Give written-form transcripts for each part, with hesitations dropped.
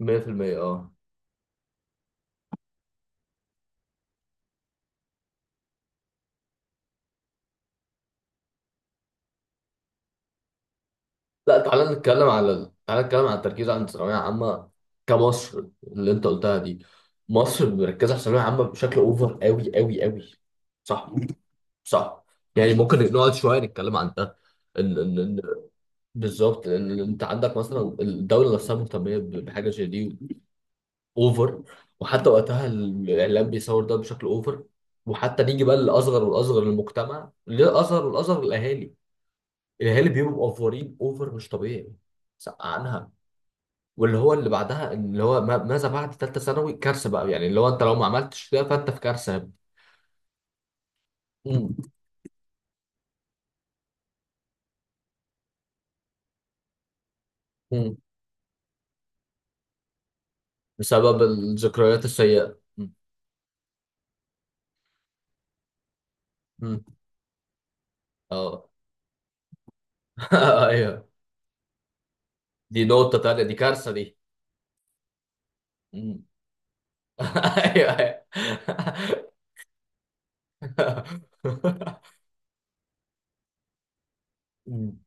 100% اه. لا، تعالى نتكلم على تعالى نتكلم على التركيز عند الثانويه العامه كمصر اللي انت قلتها دي. مصر مركزه على الثانويه العامه بشكل اوفر قوي قوي قوي. صح صح. يعني ممكن نقعد شويه نتكلم عن ده. ان ان ان بالظبط، ان انت عندك مثلا الدوله نفسها مهتميه بحاجه زي دي اوفر، وحتى وقتها الاعلام بيصور ده بشكل اوفر، وحتى نيجي بقى للاصغر والاصغر للمجتمع، للاصغر والاصغر للاهالي. الهلال بيبقوا مقفورين اوفر مش طبيعي. سقعنها. واللي هو اللي بعدها اللي هو ماذا بعد ثالثه ثانوي كارثه بقى، يعني اللي هو انت لو ما عملتش كده فانت في كارثه. مم. مم. بسبب الذكريات السيئه. مم. مم. اه. ايوه، دي نقطه تانيه، دي كارثه دي. مم. ايوه أيوة. مم.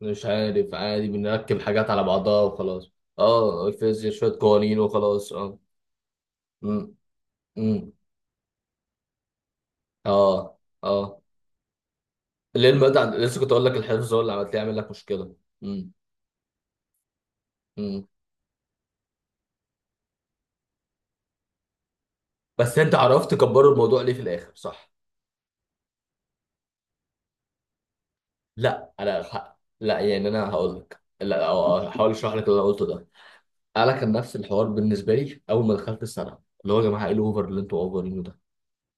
مش عارف، عادي، بنركب حاجات على بعضها وخلاص. اه الفيزياء شويه قوانين وخلاص. اه. مم. مم. اه اه. ليه المواد لسه كنت اقول لك الحفظ هو اللي عملت لي عامل لك مشكله. امم امم. بس انت عرفت تكبر الموضوع ليه في الاخر، صح؟ لا، لا يعني انا هقول لك، لا هحاول اشرح لك اللي انا قلته ده. انا كان نفس الحوار بالنسبه لي اول ما دخلت السنه، اللي هو يا جماعه ايه الاوفر اللي انتوا اوفرينه ده؟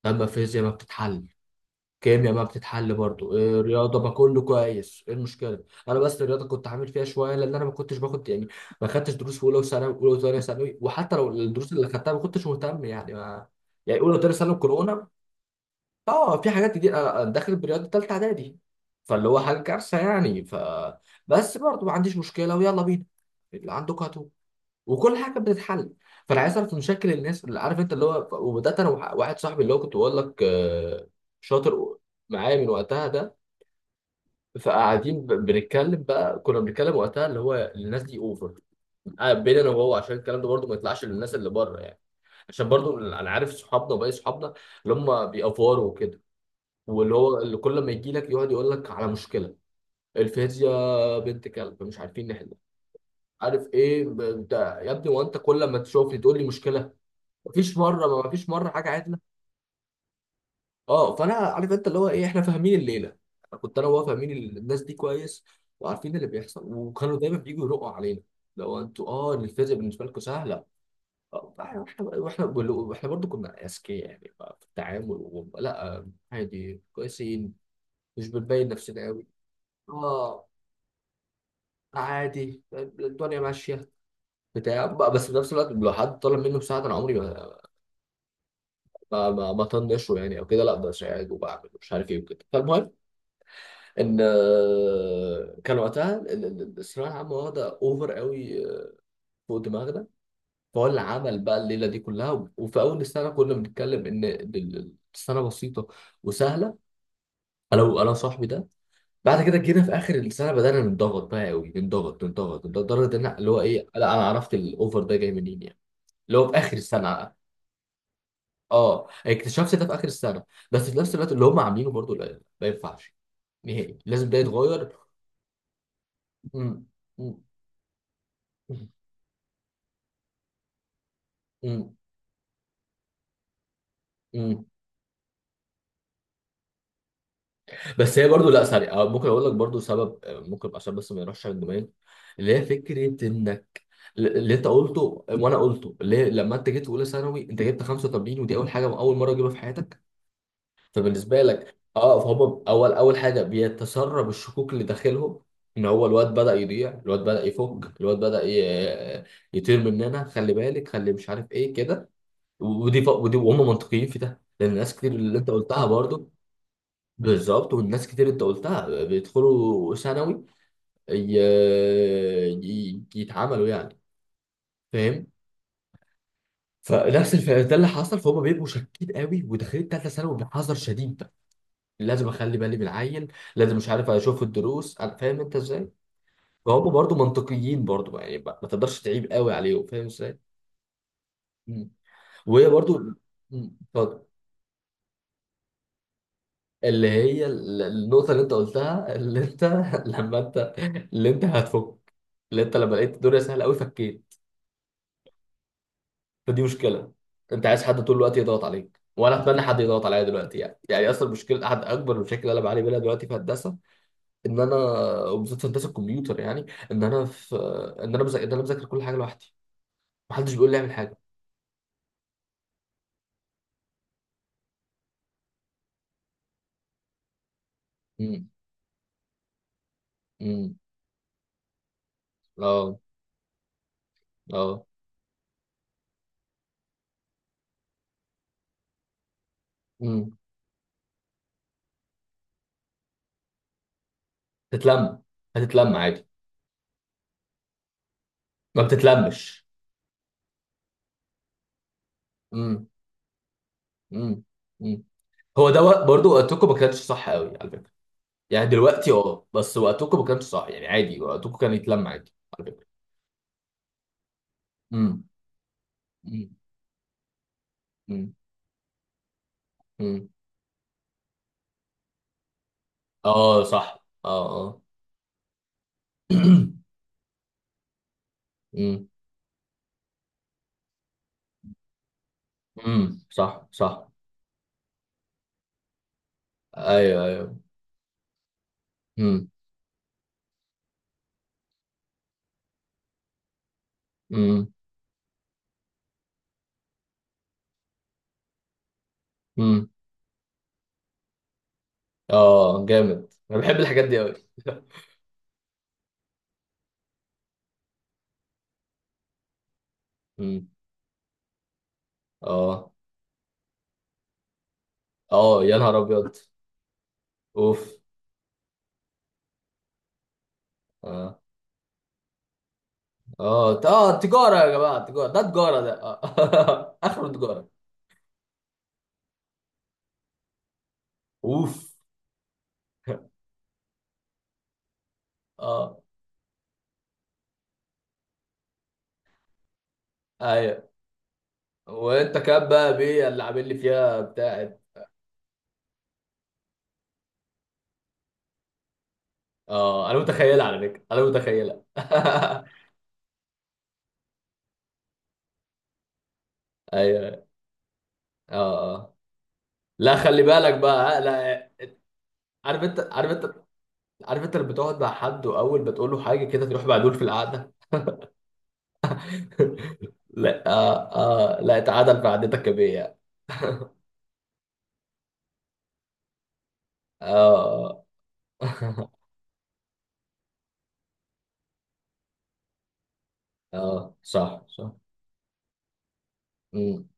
لما الفيزياء ما بتتحل، كيمياء بقى بتتحل، برضو رياضه بقى كله كويس، ايه المشكله؟ انا بس الرياضه كنت عامل فيها شويه، لان انا ما كنتش باخد يعني، ما خدتش دروس في اولى وثانوي، اولى وثانيه ثانوي، وحتى لو الدروس اللي خدتها ما كنتش مهتم يعني ما. يعني اولى وثانيه ثانوي كورونا. اه في حاجات كتير، انا أنا داخل برياضه ثالثه اعدادي، فاللي هو حاجه كارثه يعني ف. بس برضو ما عنديش مشكله، ويلا بينا، اللي عندك هاتوا، وكل حاجه بتتحل. فانا عايز اعرف مشاكل الناس، اللي عارف انت اللي هو، وبدات انا واحد صاحبي اللي هو كنت بقول لك شاطر معايا من وقتها ده، فقاعدين بنتكلم بقى، كنا بنتكلم وقتها اللي هو الناس دي اوفر، بين انا وهو، عشان الكلام ده برضو ما يطلعش للناس اللي بره يعني. عشان برضو انا عارف صحابنا وباقي صحابنا اللي هم بيأفوروا وكده، واللي هو اللي كل ما يجي لك يقعد يقول لك على مشكله. الفيزياء بنت كلب مش عارفين نحلها. عارف ايه ده يا ابني، وانت كل ما تشوفني تقول لي مشكله. مفيش مره ما مفيش مره حاجه عدله. اه فانا عارف انت اللي هو ايه، احنا فاهمين الليله، كنت انا وهو فاهمين. الناس دي كويس، وعارفين اللي بيحصل، وكانوا دايما بييجوا يرقوا علينا، لو انتوا اه الفيزياء بالنسبه لكم سهله. واحنا واحنا، واحنا برضه كنا اذكياء يعني بقى في التعامل لا عادي كويسين، مش بنبين نفسنا قوي. اه عادي، الدنيا ماشيه بتاع بقى. بس في نفس الوقت لو حد طلب مني مساعده انا عمري ما ما طنشه يعني او كده، لا بساعده وبعمل مش عارف ايه وكده. فالمهم ان كان وقتها الثانويه العامه واخده اوفر قوي، فوق دماغنا. فهو اللي عمل بقى الليله دي كلها، وفي اول السنه كنا بنتكلم ان السنه بسيطه وسهله، انا وصاحبي ده. بعد كده جينا في اخر السنه بدانا نتضغط بقى قوي، نتضغط نتضغط نتضغط، لدرجه ان اللي هو ايه، لا انا عرفت الاوفر ده جاي منين يعني، اللي هو في اخر السنه. اه اكتشفت ده في اخر السنه. بس في نفس الوقت اللي هم عاملينه برضو لا ما ينفعش نهائي، لازم ده يتغير. م- م- م- مم. بس هي برضو لا سوري أو ممكن اقول لك برضو سبب ممكن عشان بس ما يروحش على الجمال، اللي هي فكره انك اللي انت قلته وانا قلته، اللي هي لما انت جيت اولى ثانوي انت جبت 85، ودي اول حاجه اول مره اجيبها في حياتك، فبالنسبه لك اه. فهم اول اول حاجه بيتسرب الشكوك اللي داخلهم، ان هو الواد بدا يضيع، الواد بدا يفك، الواد بدا يطير مننا، خلي بالك، خلي مش عارف ايه كده. ودي وهم منطقيين في ده، لان ناس كتير اللي انت قلتها برضو. بالظبط، والناس كتير انت قلتها بيدخلوا ثانوي ي- يتعاملوا يعني، فاهم. ده اللي حصل، فهم بيبقوا شاكين قوي وداخلين ثالثه ثانوي بحذر شديد. لازم اخلي بالي من العيل، لازم مش عارف اشوف الدروس، انا فاهم انت ازاي. فهم برضو منطقيين برضو يعني، ما ما تقدرش تعيب قوي عليهم، فاهم ازاي. مم. وهي برضو. مم. اتفضل. اللي هي النقطه اللي انت قلتها، اللي انت لما انت، اللي انت هتفك، اللي انت لما لقيت الدنيا سهله قوي فكيت، فدي مشكله. انت عايز حد طول الوقت يضغط عليك، وانا اتمنى حد يضغط عليا دلوقتي يعني، يعني اصلا المشكله، احد اكبر المشاكل اللي انا بعاني منها دلوقتي في هندسه، ان انا، وبالذات في هندسه الكمبيوتر يعني، ان انا في، ان انا بذاكر، ان انا بذاكر كل حاجه لوحدي، محدش بيقول لي اعمل حاجه. امم امم. اه اه. امم. تتلم، هتتلم عادي. ما بتتلمش. امم امم امم. هو ده برضو وقتكم ما كانش صح قوي على فكره، يعني دلوقتي اه، بس وقتكم ما كانش صح يعني، عادي وقتكم كان يتلم عادي على فكره. امم. مم. مم. اه صح اه اه. مم. مم. صح صح. ايوه ايوه. مم. مم. مم. اه جامد، انا بحب الحاجات دي قوي. اه اه. يا نهار ابيض! اوف. اه اه اه تجارة يا جماعة، تجارة ده، تجارة ده آه. اخر تجارة. اوف. اه. ايوه. وانت كاب بقى بيه اللي عامل لي فيها بتاعت. اه انا متخيلة على فكرة، انا متخيلة. ايوه. اه اه. لا خلي بالك بقى، لا. عارف انت، عارف انت، عارف انت اللي بتقعد مع حد، واول ما تقول له حاجه كده تروح معدول في القعده. لا آه، آه لا اتعادل في قعدتك يا بيه. اه. اه صح صح. مم.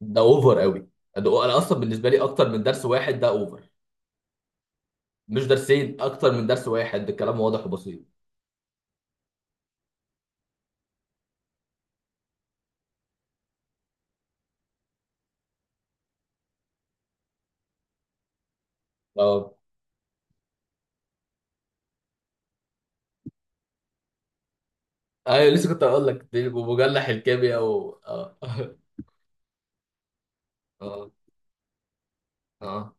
ده اوفر قوي، ده انا اصلا بالنسبه لي اكتر من درس واحد ده اوفر. مش درسين، اكتر من درس واحد الكلام واضح وبسيط. اه. ايوه لسه كنت هقول لك دي مجلح الكيمياء و اه. اه اه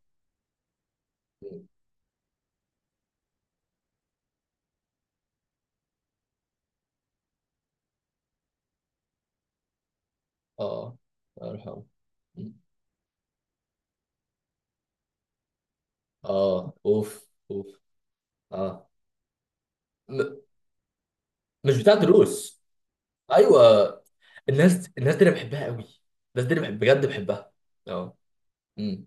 اه. الله يرحمه. اه اوف اوف. اه م... مش بتاع دروس. ايوه، الناس الناس دي انا بحبها قوي، الناس دي انا بحب بجد بحبها. اه. امم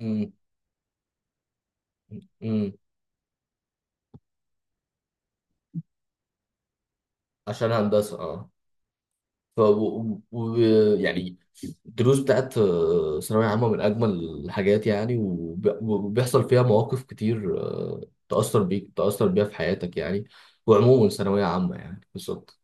امم امم. عشان هندسه اه. ف يعني الدروس بتاعت ثانويه عامه من اجمل الحاجات يعني، وبيحصل فيها مواقف كتير تاثر بيك، تاثر بيها في حياتك يعني. وعموما ثانويه عامه يعني، بالظبط.